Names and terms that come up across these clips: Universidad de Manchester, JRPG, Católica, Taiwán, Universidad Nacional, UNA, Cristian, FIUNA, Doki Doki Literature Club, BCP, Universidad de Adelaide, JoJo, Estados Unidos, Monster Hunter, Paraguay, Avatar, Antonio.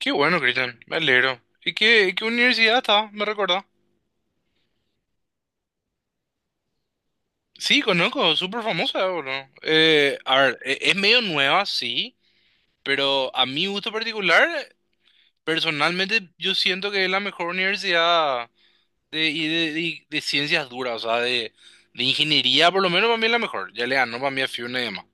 Qué bueno, Cristian, me alegro. ¿Y qué universidad está? ¿Me recuerda? Sí, conozco, súper famosa, boludo. Es medio nueva, sí, pero a mi gusto particular, personalmente yo siento que es la mejor universidad de ciencias duras, o sea, de ingeniería, por lo menos para mí es la mejor. Ya le ganó para mí a FIUNA y demás.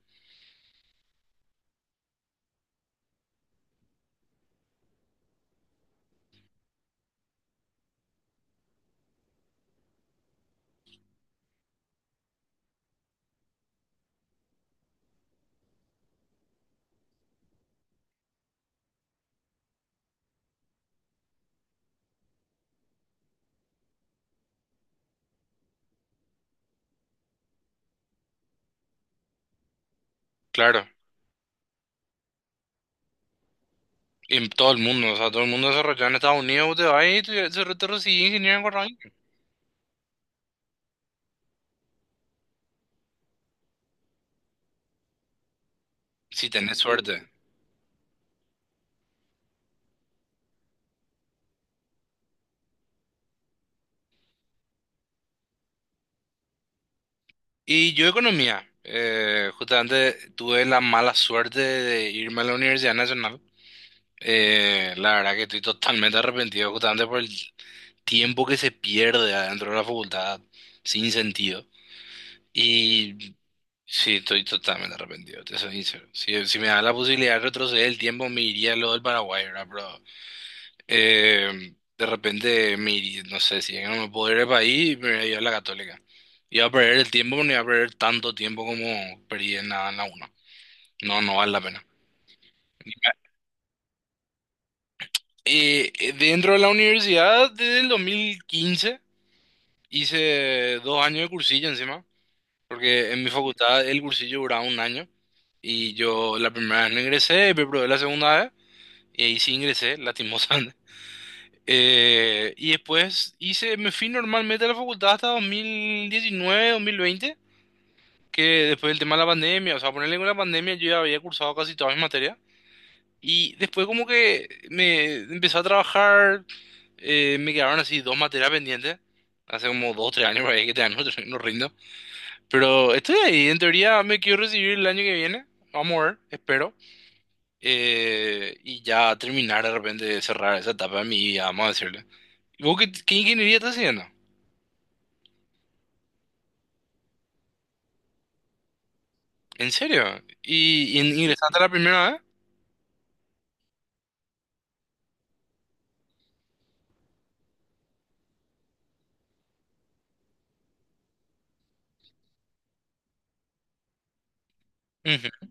Claro, en todo el mundo, o sea, todo el mundo desarrollado en Estados Unidos, te vas y te recibís ingeniero en Corral, si tenés suerte. Y yo economía. Justamente tuve la mala suerte de irme a la Universidad Nacional. La verdad que estoy totalmente arrepentido justamente por el tiempo que se pierde adentro de la facultad sin sentido. Y sí, estoy totalmente arrepentido, te soy sincero. Si me da la posibilidad de retroceder el tiempo, me iría a lo del Paraguay, ¿verdad? De repente, mi, no sé, si no me puedo ir del país, me voy a ir a la Católica. Iba a perder el tiempo, no iba a perder tanto tiempo como perdí en la UNA. No, no vale la pena. Dentro de la universidad, desde el 2015, hice dos años de cursillo encima, porque en mi facultad el cursillo duraba un año. Y yo la primera vez no ingresé, me probé la segunda vez, y ahí sí ingresé, lastimosamente. Y después hice, me fui normalmente a la facultad hasta 2019, 2020, que después del tema de la pandemia, o sea, ponerle con la pandemia yo ya había cursado casi todas mis materias. Y después como que me empecé a trabajar, me quedaron así dos materias pendientes, hace como dos, tres años por ahí que todavía no rindo. Pero estoy ahí, en teoría me quiero recibir el año que viene, vamos a ver, espero. Y ya terminar de repente de cerrar esa etapa de mi vida, vamos a decirle. ¿Vos qué ingeniería estás haciendo? ¿En serio? Y ingresaste la primera vez? Ujú.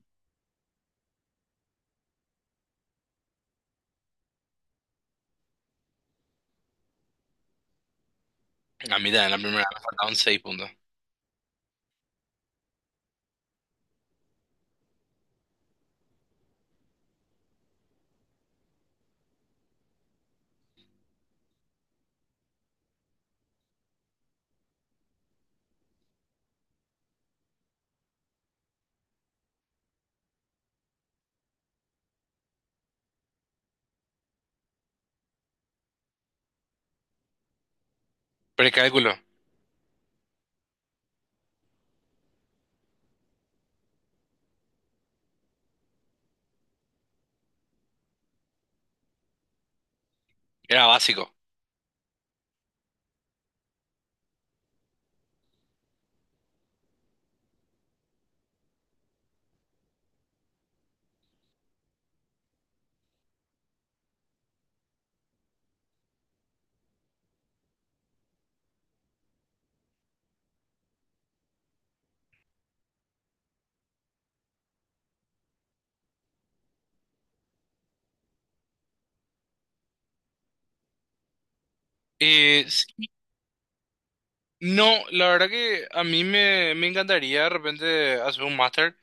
A mí también la primera vez me faltaban seis puntos. Precálculo, era básico. Sí, no, la verdad que a mí me encantaría de repente hacer un máster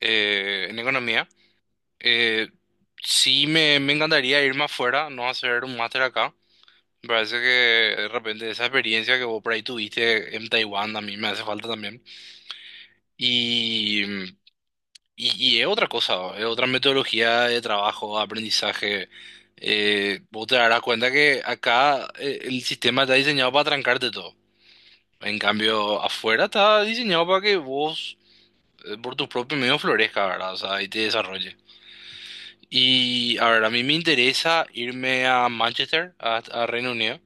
en economía. Eh, sí, me encantaría irme afuera, no hacer un máster acá. Me parece que de repente esa experiencia que vos por ahí tuviste en Taiwán a mí me hace falta también. Y mm, y es otra cosa, es otra metodología de trabajo, aprendizaje. Vos te darás cuenta que acá el sistema está diseñado para trancarte todo. En cambio, afuera está diseñado para que vos, por tus propios medios, florezca, ¿verdad? O sea, y te desarrolles. Y a ver, a mí me interesa irme a Manchester, a Reino Unido,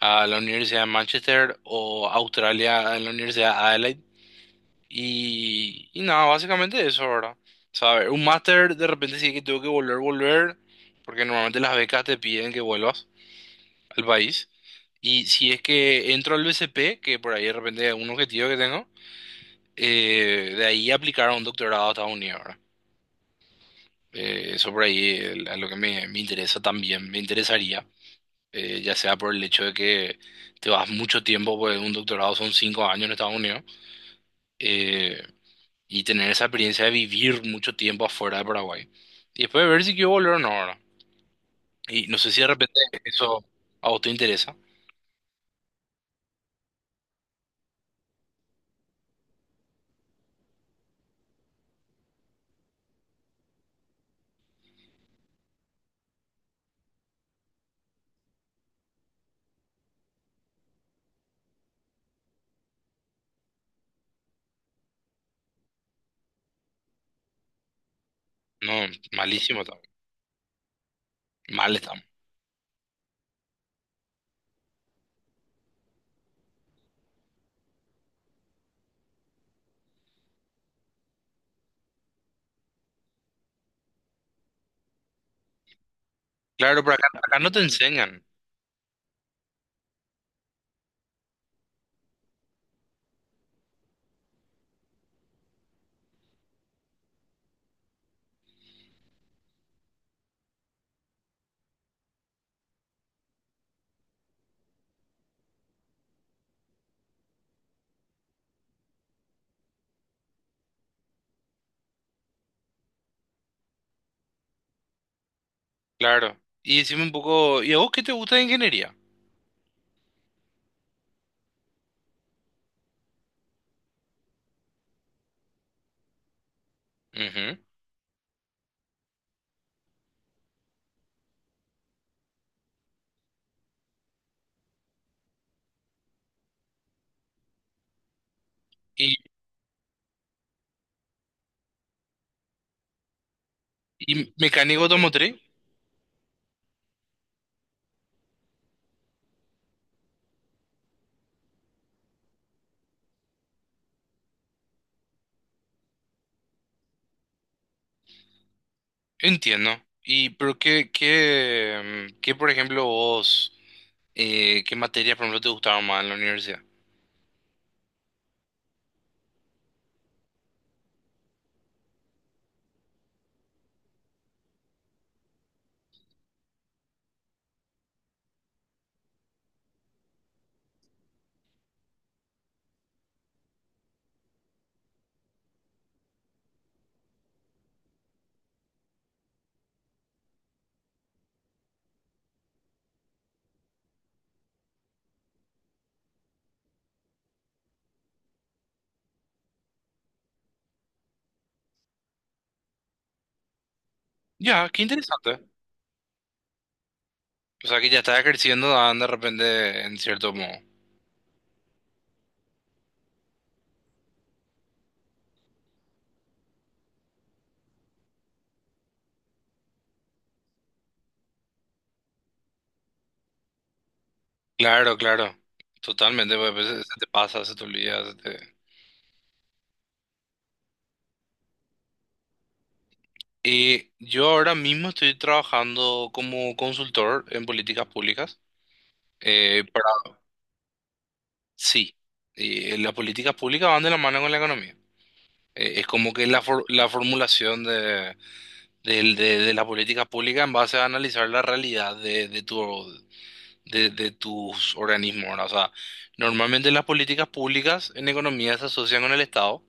a la Universidad de Manchester o Australia, en la Universidad de Adelaide. Y nada, básicamente eso, ¿verdad? O sea, a ver, un máster de repente sí que tengo que volver, porque normalmente las becas te piden que vuelvas al país. Y si es que entro al BCP, que por ahí de repente es un objetivo que tengo, de ahí aplicar a un doctorado a Estados Unidos, ¿verdad? Eso por ahí es a lo que me interesa también, me interesaría, ya sea por el hecho de que te vas mucho tiempo, pues un doctorado son cinco años en Estados Unidos. Eh, y tener esa experiencia de vivir mucho tiempo afuera de Paraguay. Y después de ver si quiero volver o no ahora. Y no sé si de repente eso a vos te interesa. No, malísimo también. Mal estamos. Claro, pero acá no te enseñan. Claro. Y decime un poco, ¿y a vos qué te gusta de ingeniería? Ujú. ¿Y, y mecánico automotriz? Entiendo. ¿Y pero qué, por ejemplo, vos, qué materias, por ejemplo, te gustaban más en la universidad? Ya, qué interesante. O sea, que ya estás creciendo, ah, de repente, en cierto modo. Claro, claro, totalmente, pues, a veces se te pasa, se te olvida. Se te- Y yo ahora mismo estoy trabajando como consultor en políticas públicas. Para... Sí, y las políticas públicas van de la mano con la economía. Es como que la formulación de las políticas públicas en base a analizar la realidad de tus organismos, ¿verdad? O sea, normalmente las políticas públicas en economía se asocian con el Estado.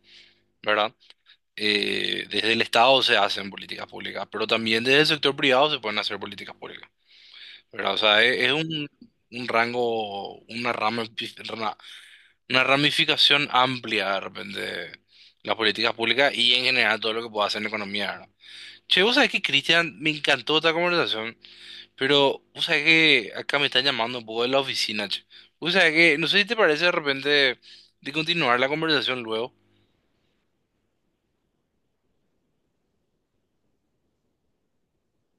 ¿Verdad? Desde el Estado se hacen políticas públicas, pero también desde el sector privado se pueden hacer políticas públicas, ¿verdad? O sea, es, un rango, una rama, una, una ramificación amplia de repente las políticas públicas y en general todo lo que pueda hacer en economía, ¿verdad? Che, vos sabés que, Cristian, me encantó esta conversación, pero vos sabés que acá me están llamando un poco de la oficina, che. Vos sabés que, no sé si te parece de repente de continuar la conversación luego.